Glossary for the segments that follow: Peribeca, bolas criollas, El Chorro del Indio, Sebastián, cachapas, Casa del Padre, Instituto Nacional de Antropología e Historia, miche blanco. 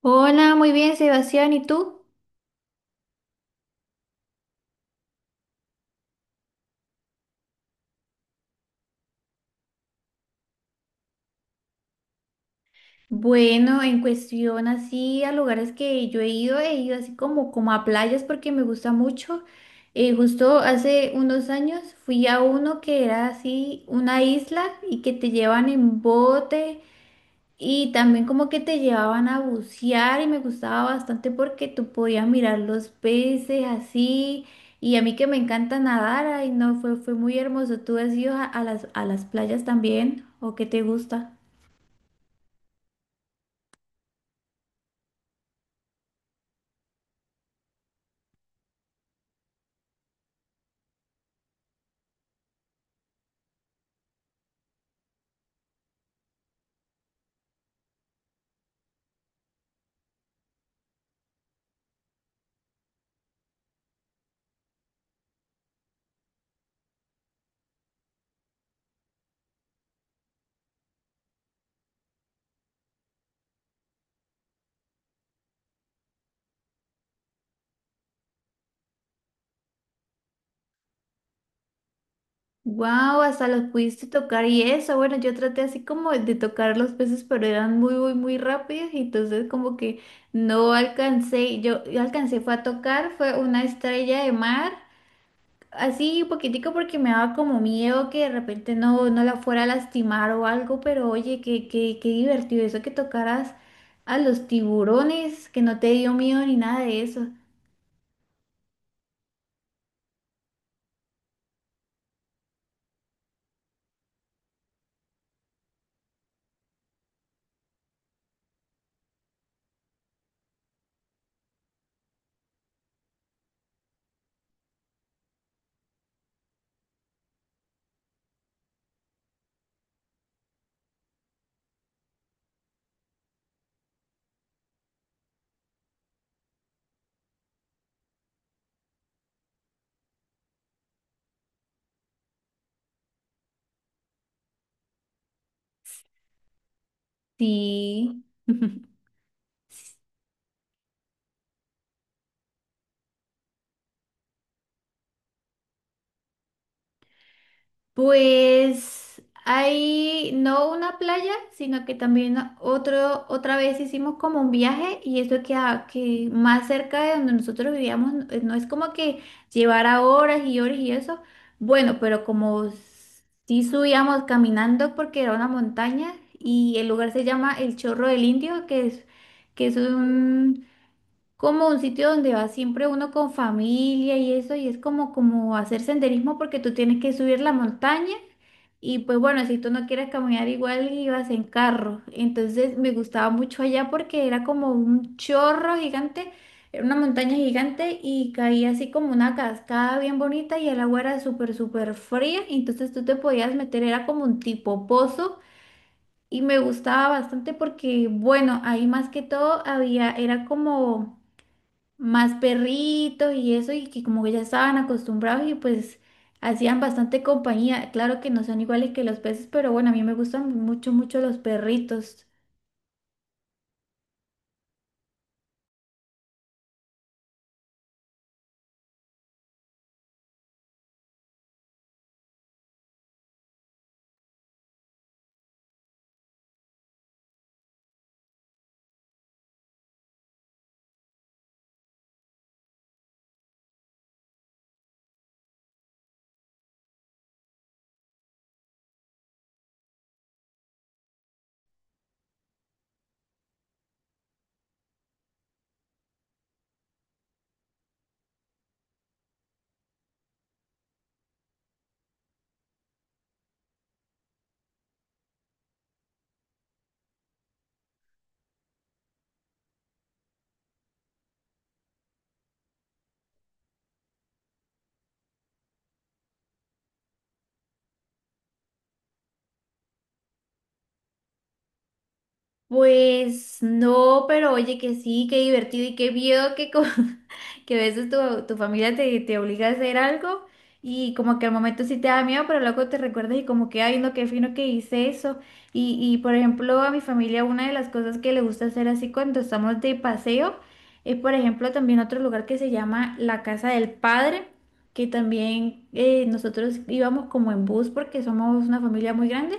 Hola, muy bien, Sebastián, ¿y tú? Bueno, en cuestión así a lugares que yo he ido así como, como a playas porque me gusta mucho. Justo hace unos años fui a uno que era así una isla y que te llevan en bote. Y también como que te llevaban a bucear y me gustaba bastante porque tú podías mirar los peces así. Y a mí que me encanta nadar, ay no, fue muy hermoso. ¿Tú has ido a las playas también? ¿O qué te gusta? Wow, hasta los pudiste tocar y eso. Bueno, yo traté así como de tocar los peces, pero eran muy, muy, muy rápidos y entonces como que no alcancé. Yo alcancé fue a tocar, fue una estrella de mar. Así un poquitico porque me daba como miedo que de repente no, no la fuera a lastimar o algo, pero oye, qué divertido eso que tocaras a los tiburones, que no te dio miedo ni nada de eso. Sí. Pues hay no una playa, sino que también otra vez hicimos como un viaje y eso que, que más cerca de donde nosotros vivíamos, no es como que llevara horas y horas y eso. Bueno, pero como sí subíamos caminando porque era una montaña y el lugar se llama El Chorro del Indio, que es un, como un sitio donde va siempre uno con familia y eso, y es como, como hacer senderismo porque tú tienes que subir la montaña. Y pues bueno, si tú no quieres caminar igual, ibas en carro. Entonces me gustaba mucho allá porque era como un chorro gigante, era una montaña gigante y caía así como una cascada bien bonita y el agua era súper, súper fría. Entonces tú te podías meter, era como un tipo pozo y me gustaba bastante porque, bueno, ahí más que todo había, era como más perritos y eso, y que como que ya estaban acostumbrados y pues hacían bastante compañía. Claro que no son iguales que los peces, pero bueno, a mí me gustan mucho, mucho los perritos. Pues no, pero oye que sí, qué divertido y qué miedo que, que a veces tu familia te obliga a hacer algo y como que al momento sí te da miedo, pero luego te recuerdas y como que, ay, no, qué fino que hice eso. Y por ejemplo, a mi familia una de las cosas que le gusta hacer así cuando estamos de paseo es, por ejemplo, también otro lugar que se llama la Casa del Padre, que también nosotros íbamos como en bus porque somos una familia muy grande.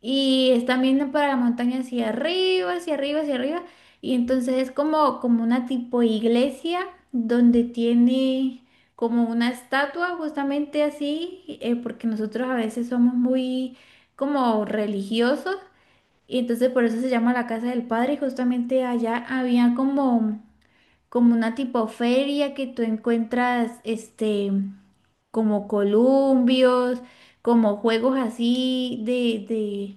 Y están viendo para la montaña hacia arriba, hacia arriba, hacia arriba. Y entonces es como, como una tipo iglesia donde tiene como una estatua justamente así, porque nosotros a veces somos muy como religiosos. Y entonces por eso se llama la Casa del Padre. Y justamente allá había como como una tipo feria que tú encuentras, como columpios, como juegos así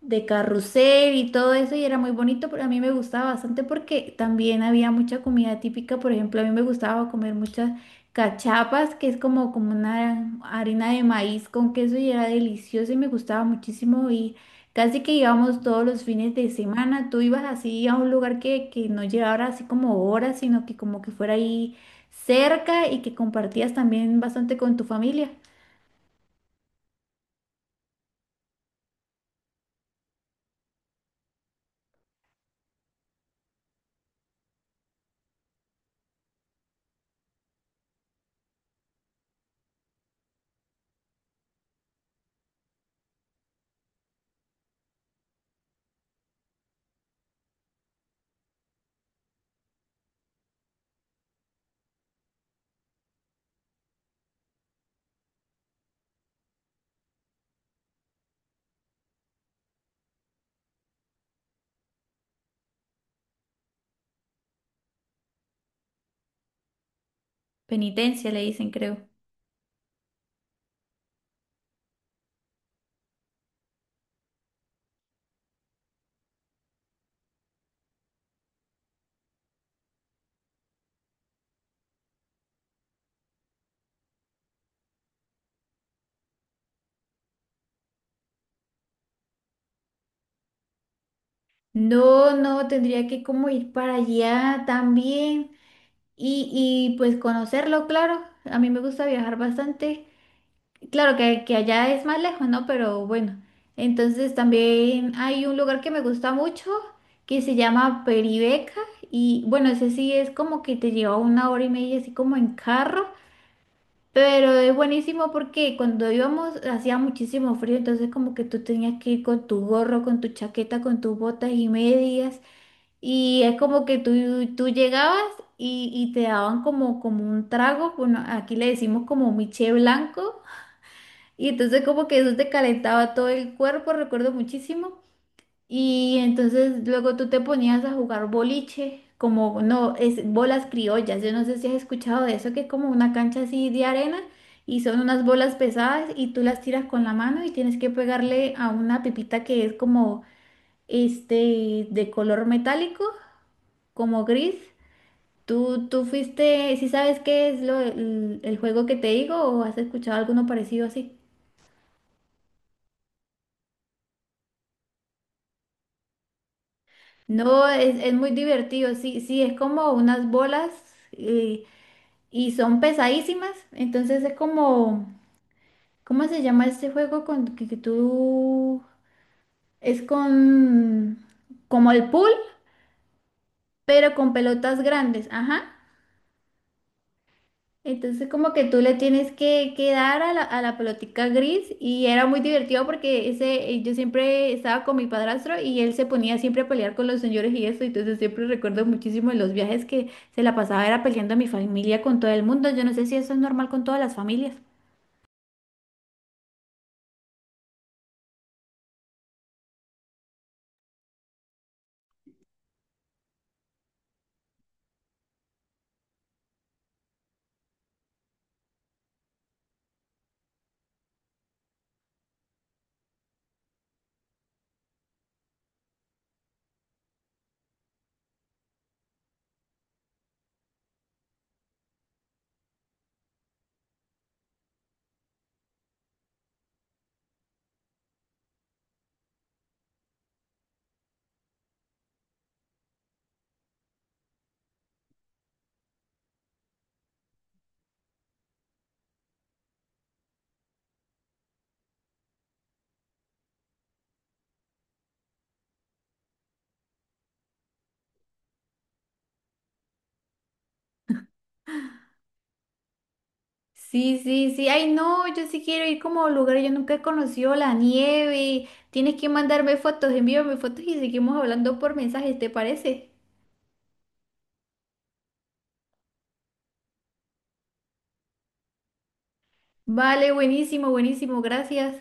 de carrusel y todo eso, y era muy bonito, pero a mí me gustaba bastante porque también había mucha comida típica, por ejemplo, a mí me gustaba comer muchas cachapas, que es como, como una harina de maíz con queso y era delicioso y me gustaba muchísimo y casi que íbamos todos los fines de semana, tú ibas así a un lugar que no llevara así como horas, sino que como que fuera ahí cerca y que compartías también bastante con tu familia. Penitencia le dicen, creo. No, no, tendría que como ir para allá también y pues conocerlo, claro. A mí me gusta viajar bastante. Claro que allá es más lejos, ¿no? Pero bueno, entonces también hay un lugar que me gusta mucho que se llama Peribeca y bueno, ese sí es como que te lleva 1 hora y media así como en carro, pero es buenísimo porque cuando íbamos hacía muchísimo frío, entonces como que tú tenías que ir con tu gorro, con tu chaqueta, con tus botas y medias y es como que tú llegabas y te daban como, como un trago, bueno, aquí le decimos como miche blanco. Y entonces como que eso te calentaba todo el cuerpo, recuerdo muchísimo. Y entonces luego tú te ponías a jugar boliche, como no, es bolas criollas. Yo no sé si has escuchado de eso, que es como una cancha así de arena y son unas bolas pesadas y tú las tiras con la mano y tienes que pegarle a una pipita que es como este de color metálico, como gris. Tú fuiste, si sabes qué es lo, el juego que te digo o has escuchado alguno parecido así? No, es muy divertido, sí, sí, es como unas bolas eh, y son pesadísimas, entonces es como, ¿cómo se llama este juego con que tú es con como el pool, pero con pelotas grandes, ajá. Entonces como que tú le tienes que dar a a la pelotica gris y era muy divertido porque ese, yo siempre estaba con mi padrastro y él se ponía siempre a pelear con los señores y eso, entonces siempre recuerdo muchísimo de los viajes que se la pasaba era peleando a mi familia con todo el mundo. Yo no sé si eso es normal con todas las familias. Sí, sí, sí. Ay, no, yo sí quiero ir como a lugares. Yo nunca he conocido la nieve. Tienes que mandarme fotos, envíame fotos y seguimos hablando por mensajes, ¿te parece? Vale, buenísimo, buenísimo, gracias.